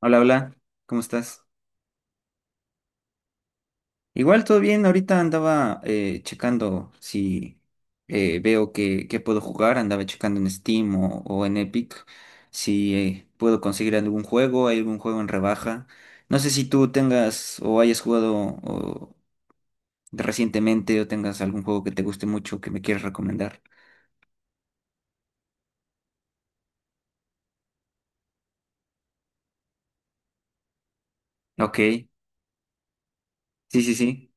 Hola, hola, ¿cómo estás? Igual todo bien, ahorita andaba checando si veo que puedo jugar, andaba checando en Steam o en Epic si puedo conseguir algún juego, hay algún juego en rebaja. No sé si tú tengas o hayas jugado o, recientemente o tengas algún juego que te guste mucho que me quieras recomendar. Ok, sí, sí, sí.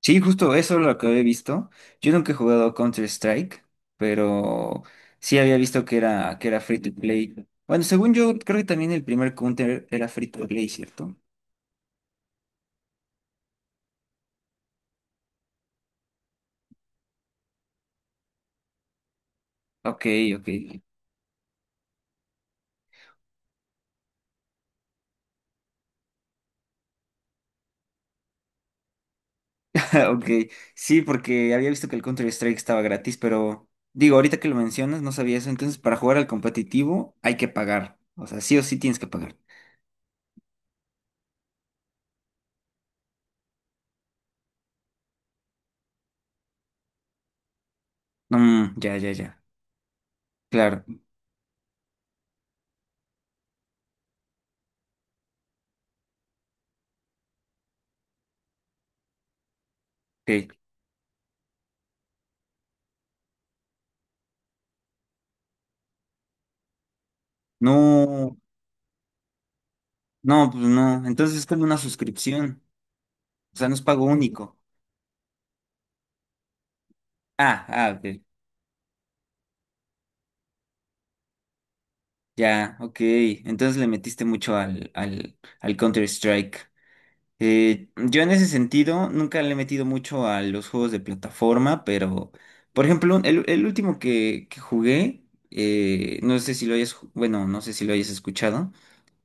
Sí, justo eso es lo que había visto. Yo nunca he jugado Counter-Strike, pero sí había visto que era free to play. Bueno, según yo, creo que también el primer Counter era free to play, ¿cierto? Ok, ok. Ok, sí, porque había visto que el Counter-Strike estaba gratis, pero digo, ahorita que lo mencionas, no sabía eso. Entonces, para jugar al competitivo hay que pagar. O sea, sí o sí tienes que pagar. No, mm, ya, ya, ya. Claro, ok. No, no, pues no. Entonces es como una suscripción. O sea, no es pago único. Ah, ah, ok. Ya, ok. Entonces le metiste mucho al Counter-Strike. Yo en ese sentido nunca le he metido mucho a los juegos de plataforma, pero, por ejemplo, el último que jugué, no sé si lo hayas, bueno, no sé si lo hayas escuchado,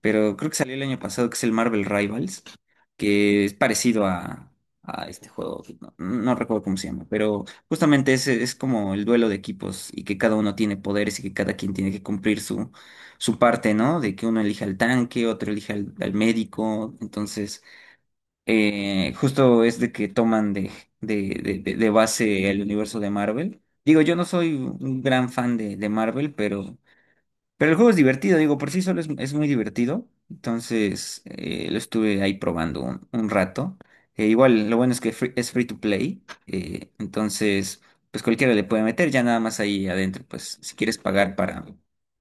pero creo que salió el año pasado, que es el Marvel Rivals, que es parecido a este juego, que no, no recuerdo cómo se llama, pero justamente es como el duelo de equipos y que cada uno tiene poderes y que cada quien tiene que cumplir su, su parte, ¿no? De que uno elija al tanque, otro elija al médico, entonces justo es de que toman de, de base el universo de Marvel. Digo, yo no soy un gran fan de Marvel, pero el juego es divertido, digo, por sí solo es muy divertido. Entonces, lo estuve ahí probando un rato. Igual, lo bueno es que es free to play. Entonces, pues cualquiera le puede meter, ya nada más ahí adentro. Pues si quieres pagar para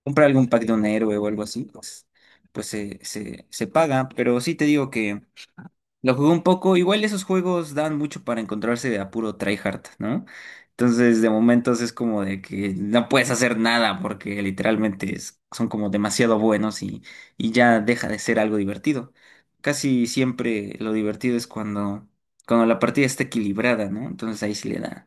comprar algún pack de un héroe o algo así, pues, pues se paga. Pero sí te digo lo jugué un poco, igual esos juegos dan mucho para encontrarse a puro tryhard, ¿no? Entonces, de momentos es como de que no puedes hacer nada porque literalmente son como demasiado buenos y ya deja de ser algo divertido. Casi siempre lo divertido es cuando, cuando la partida está equilibrada, ¿no? Entonces ahí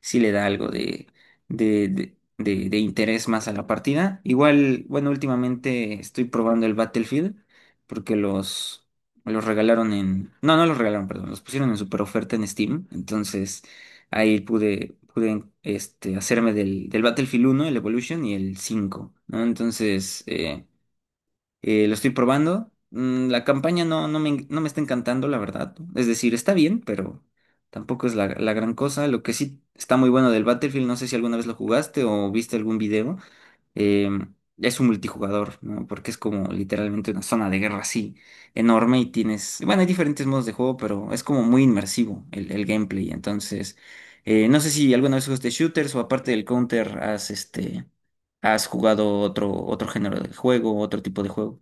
sí le da algo de, de interés más a la partida. Igual, bueno, últimamente estoy probando el Battlefield porque los regalaron en... No, no los regalaron, perdón, los pusieron en super oferta en Steam. Entonces ahí pude, pude este, hacerme del Battlefield uno el Evolution y el 5 ¿no? Entonces... lo estoy probando. Mm, la campaña no, no me, no me está encantando, la verdad. Es decir, está bien, pero tampoco es la, la gran cosa. Lo que sí está muy bueno del Battlefield, no sé si alguna vez lo jugaste o viste algún video, eh, es un multijugador, ¿no? Porque es como literalmente una zona de guerra así enorme y tienes, bueno, hay diferentes modos de juego, pero es como muy inmersivo el gameplay. Entonces, no sé si alguna vez jugaste shooters o aparte del Counter has, este, has jugado otro, otro género de juego, otro tipo de juego.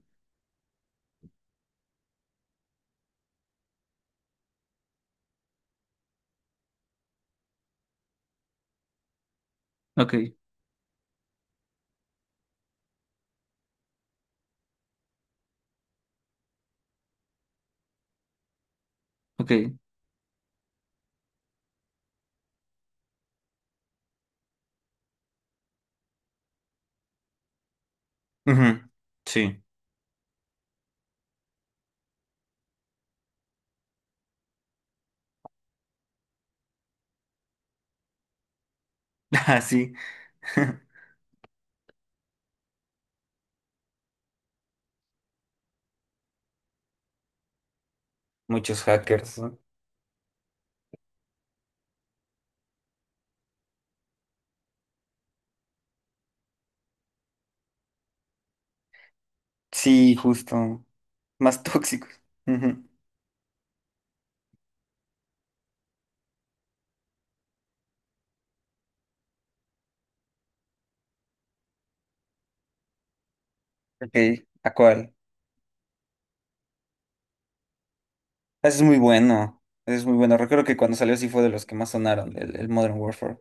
Ok, ok. Ujú, sí, así. Muchos hackers. ¿No? Sí, justo. Más tóxicos. Ujú, ok, ¿a cuál? Ese es muy bueno. Ese es muy bueno. Recuerdo que cuando salió sí fue de los que más sonaron, el Modern Warfare.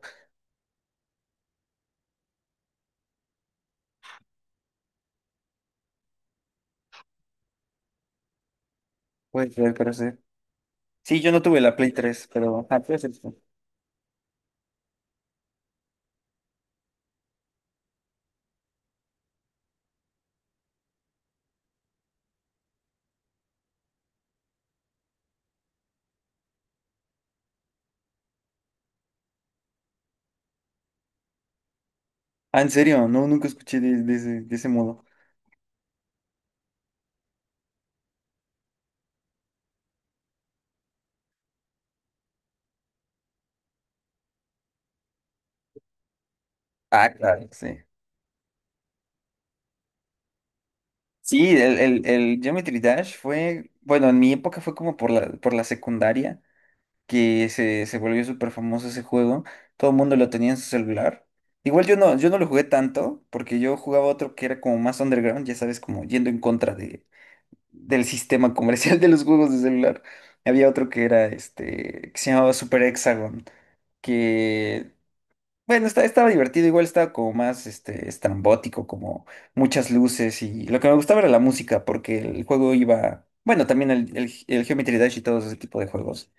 Puede ser, pero sí. Sí, yo no tuve la Play 3, pero... Ah, puede ser, sí. Ah, ¿en serio? No, nunca escuché de ese modo. Ah, claro, sí. Sí, el Geometry Dash fue... Bueno, en mi época fue como por la secundaria. Que se volvió súper famoso ese juego. Todo el mundo lo tenía en su celular. Igual yo no, yo no lo jugué tanto, porque yo jugaba otro que era como más underground, ya sabes, como yendo en contra de, del sistema comercial de los juegos de celular. Había otro que era este, que se llamaba Super Hexagon, que, bueno, estaba divertido, igual estaba como más este, estrambótico, como muchas luces, y lo que me gustaba era la música, porque el juego iba, bueno, también el Geometry Dash y todo ese tipo de juegos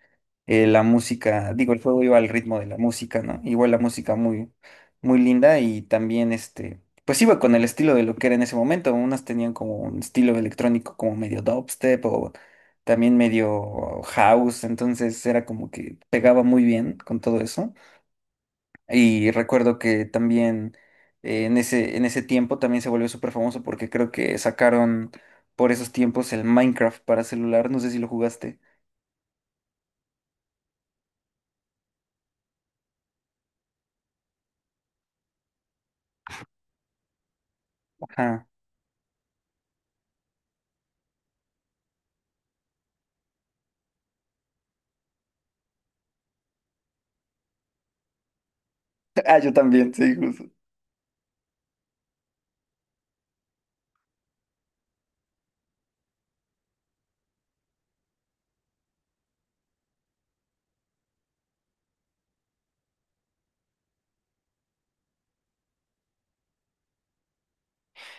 la música, digo, el fuego iba al ritmo de la música, ¿no? Igual la música muy, muy linda y también este, pues iba con el estilo de lo que era en ese momento. Unas tenían como un estilo electrónico como medio dubstep o también medio house, entonces era como que pegaba muy bien con todo eso. Y recuerdo que también en ese tiempo también se volvió súper famoso porque creo que sacaron por esos tiempos el Minecraft para celular, no sé si lo jugaste. Ajá. Ah, yo también, sí, justo.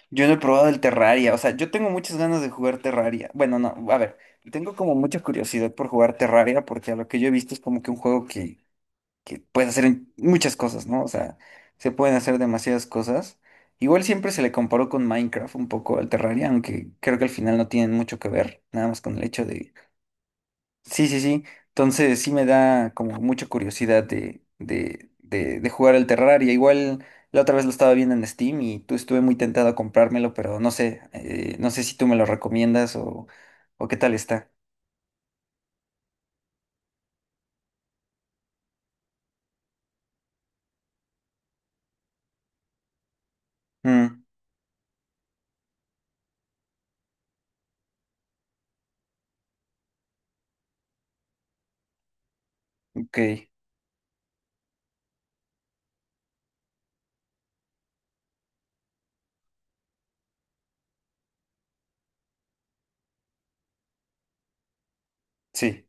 Yo no he probado el Terraria, o sea, yo tengo muchas ganas de jugar Terraria. Bueno, no, a ver, tengo como mucha curiosidad por jugar Terraria porque a lo que yo he visto es como que un juego que puede hacer muchas cosas, ¿no? O sea, se pueden hacer demasiadas cosas. Igual siempre se le comparó con Minecraft un poco al Terraria, aunque creo que al final no tienen mucho que ver, nada más con el hecho sí, sí, sí. Entonces sí me da como mucha curiosidad de, de jugar el Terraria. Igual la otra vez lo estaba viendo en Steam y tú estuve muy tentado a comprármelo, pero no sé, no sé si tú me lo recomiendas o qué tal está. Mm, ok, sí,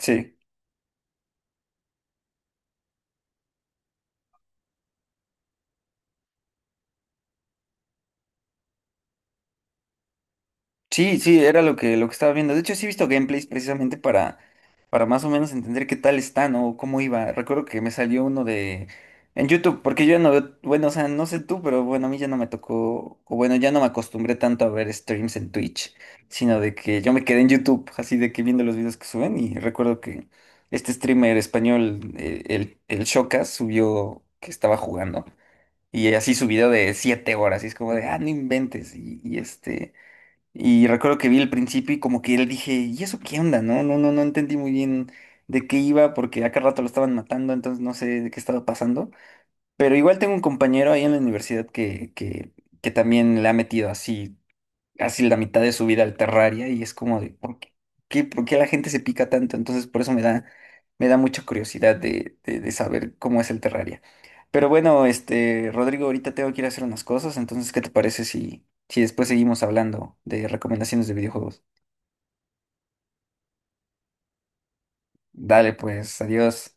sí. Sí, sí, era lo que estaba viendo. De hecho, sí he visto gameplays precisamente para más o menos entender qué tal está, ¿no? O cómo iba. Recuerdo que me salió uno de... En YouTube, porque yo ya no veo... Bueno, o sea, no sé tú, pero bueno, a mí ya no me tocó... O bueno, ya no me acostumbré tanto a ver streams en Twitch, sino de que yo me quedé en YouTube, así de que viendo los videos que suben. Y recuerdo que este streamer español, el Shokas, subió que estaba jugando. Y así su video de 7 horas, y es como de, ah, no inventes. Y este... Y recuerdo que vi el principio y como que él dije, ¿y eso qué onda? No, no, no, no entendí muy bien de qué iba porque a cada rato lo estaban matando, entonces no sé de qué estaba pasando. Pero igual tengo un compañero ahí en la universidad que también le ha metido así casi la mitad de su vida al Terraria y es como de, ¿por qué, por qué la gente se pica tanto? Entonces por eso me da mucha curiosidad de, de saber cómo es el Terraria. Pero bueno, este, Rodrigo, ahorita tengo que ir a hacer unas cosas, entonces, ¿qué te parece si, si después seguimos hablando de recomendaciones de videojuegos? Dale, pues, adiós.